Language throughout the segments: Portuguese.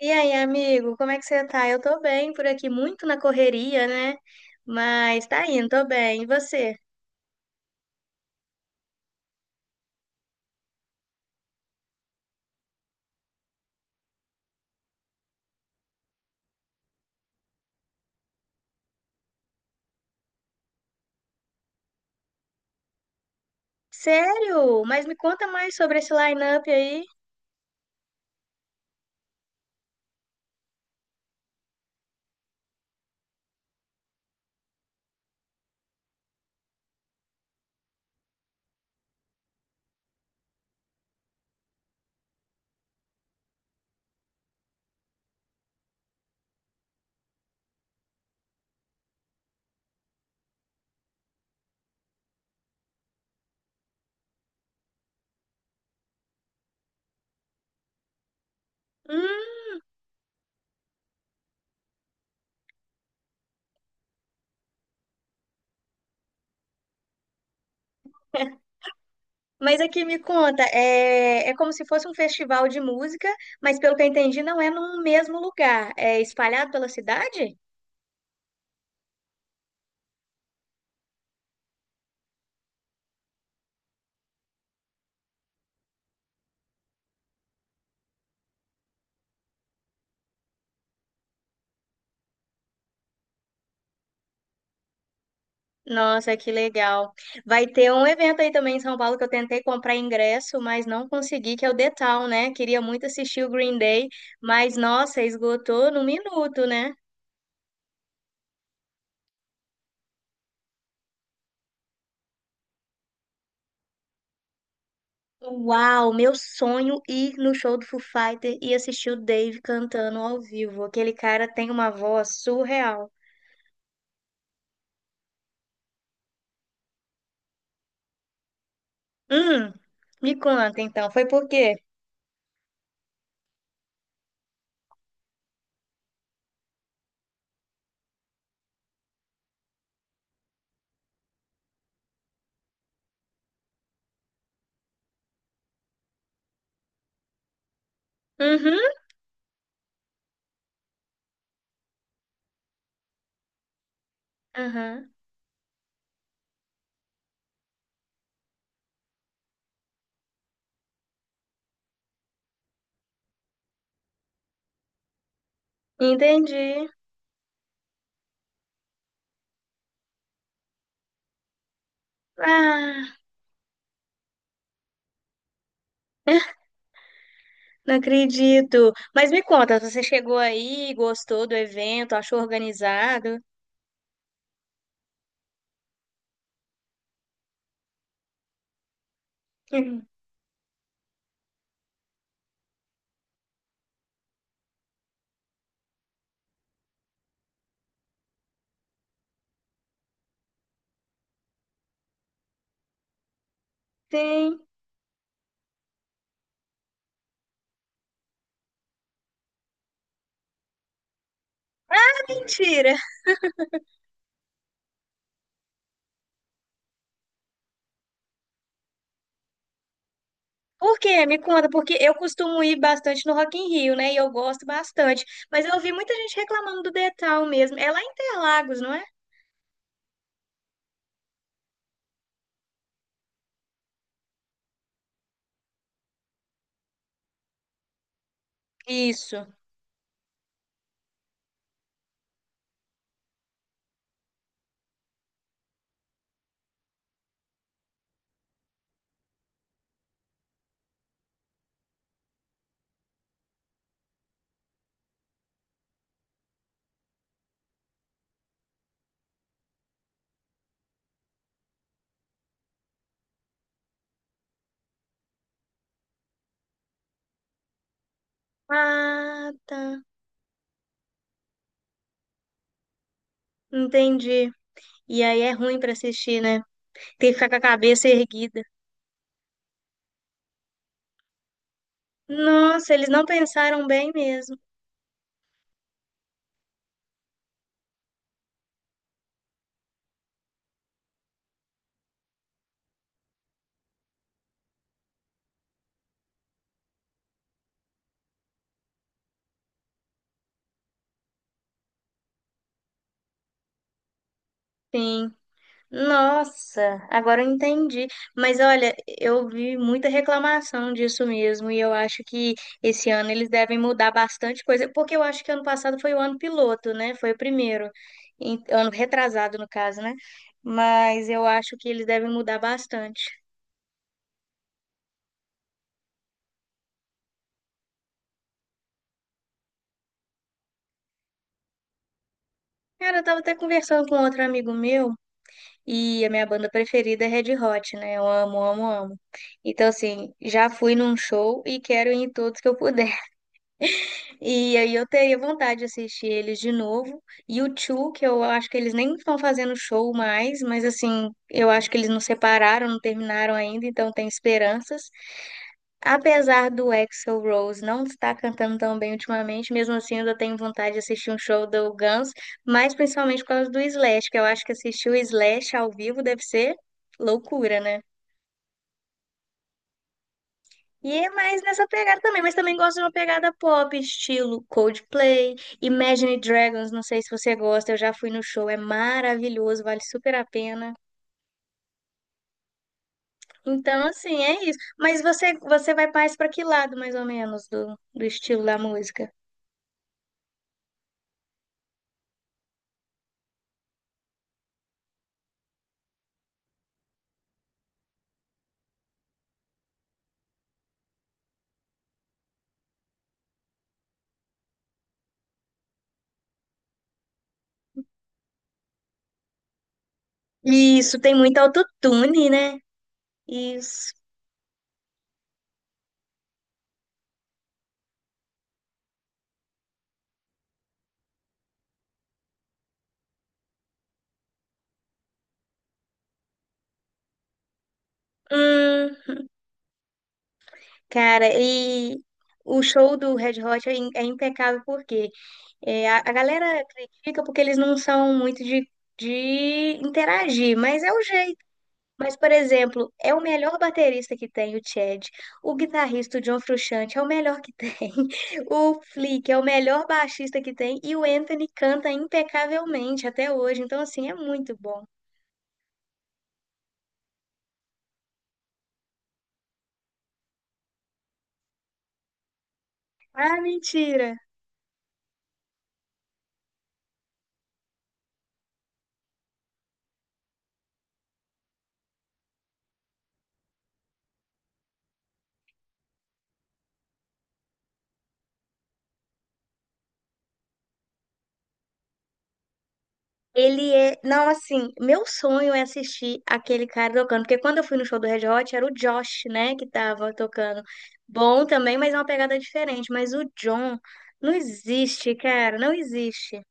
E aí, amigo, como é que você tá? Eu tô bem por aqui, muito na correria, né? Mas tá indo, tô bem. E você? Sério? Mas me conta mais sobre esse line-up aí. Hum, mas aqui me conta, é como se fosse um festival de música, mas pelo que eu entendi, não é num mesmo lugar. É espalhado pela cidade? Nossa, que legal. Vai ter um evento aí também em São Paulo que eu tentei comprar ingresso, mas não consegui, que é o The Town, né? Queria muito assistir o Green Day, mas nossa, esgotou no minuto, né? Uau, meu sonho ir no show do Foo Fighter e assistir o Dave cantando ao vivo. Aquele cara tem uma voz surreal. Hum, me conta então, foi por quê? Uhum, uhum. Entendi. Ah. Não acredito. Mas me conta, você chegou aí, gostou do evento, achou organizado? Uhum. Sim. Mentira. Por quê? Me conta, porque eu costumo ir bastante no Rock in Rio, né? E eu gosto bastante. Mas eu ouvi muita gente reclamando do Detal mesmo. É lá em Interlagos, não é? Isso. Ah, tá. Entendi. E aí é ruim pra assistir, né? Tem que ficar com a cabeça erguida. Nossa, eles não pensaram bem mesmo. Sim. Nossa, agora eu entendi. Mas olha, eu vi muita reclamação disso mesmo, e eu acho que esse ano eles devem mudar bastante coisa, porque eu acho que ano passado foi o ano piloto, né? Foi o primeiro, ano retrasado, no caso, né? Mas eu acho que eles devem mudar bastante. Cara, eu tava até conversando com outro amigo meu, e a minha banda preferida é Red Hot, né? Eu amo, amo, amo. Então, assim, já fui num show e quero ir em todos que eu puder. E aí eu teria vontade de assistir eles de novo. E o Two, que eu acho que eles nem estão fazendo show mais, mas assim, eu acho que eles não separaram, não terminaram ainda, então tem esperanças. Apesar do Axl Rose não estar cantando tão bem ultimamente, mesmo assim eu ainda tenho vontade de assistir um show do Guns, mas principalmente por causa do Slash, que eu acho que assistir o Slash ao vivo deve ser loucura, né? E é mais nessa pegada também, mas também gosto de uma pegada pop, estilo Coldplay, Imagine Dragons, não sei se você gosta, eu já fui no show, é maravilhoso, vale super a pena. Então, assim, é isso. Mas você vai mais para que lado, mais ou menos, do estilo da música? Isso, tem muito autotune, né? Isso. Hum, cara, e o show do Red Hot é impecável porque é, a galera critica porque eles não são muito de interagir, mas é o jeito. Mas, por exemplo, é o melhor baterista que tem o Chad. O guitarrista, o John Frusciante, é o melhor que tem. O Flick é o melhor baixista que tem. E o Anthony canta impecavelmente até hoje. Então, assim, é muito bom. Ah, mentira! Ele é. Não, assim, meu sonho é assistir aquele cara tocando. Porque quando eu fui no show do Red Hot, era o Josh, né, que tava tocando. Bom também, mas é uma pegada diferente. Mas o John não existe, cara, não existe.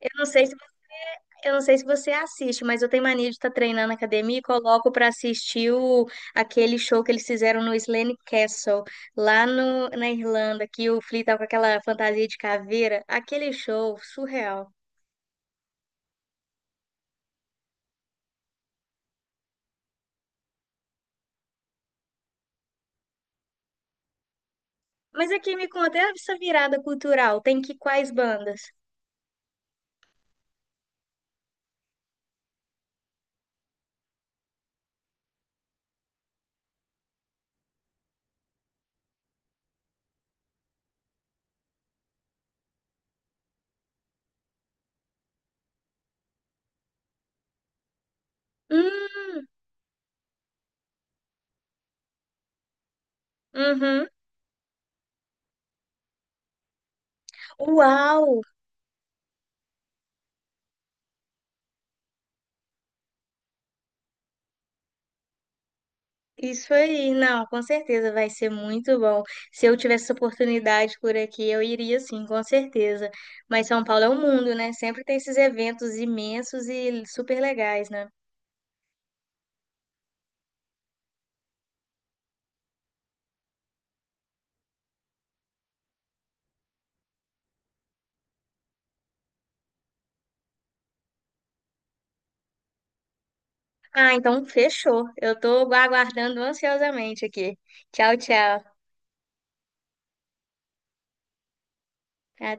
Eu não sei se, eu não sei se você assiste, mas eu tenho mania de estar treinando na academia e coloco pra assistir aquele show que eles fizeram no Slane Castle, lá no, na Irlanda, que o Flea tá com aquela fantasia de caveira. Aquele show surreal. Mas aqui me conta, e essa virada cultural tem que quais bandas? Hum, uhum. Uau! Isso aí, não, com certeza vai ser muito bom. Se eu tivesse essa oportunidade por aqui, eu iria sim, com certeza. Mas São Paulo é um mundo, né? Sempre tem esses eventos imensos e super legais, né? Ah, então fechou. Eu tô aguardando ansiosamente aqui. Tchau, tchau. Até.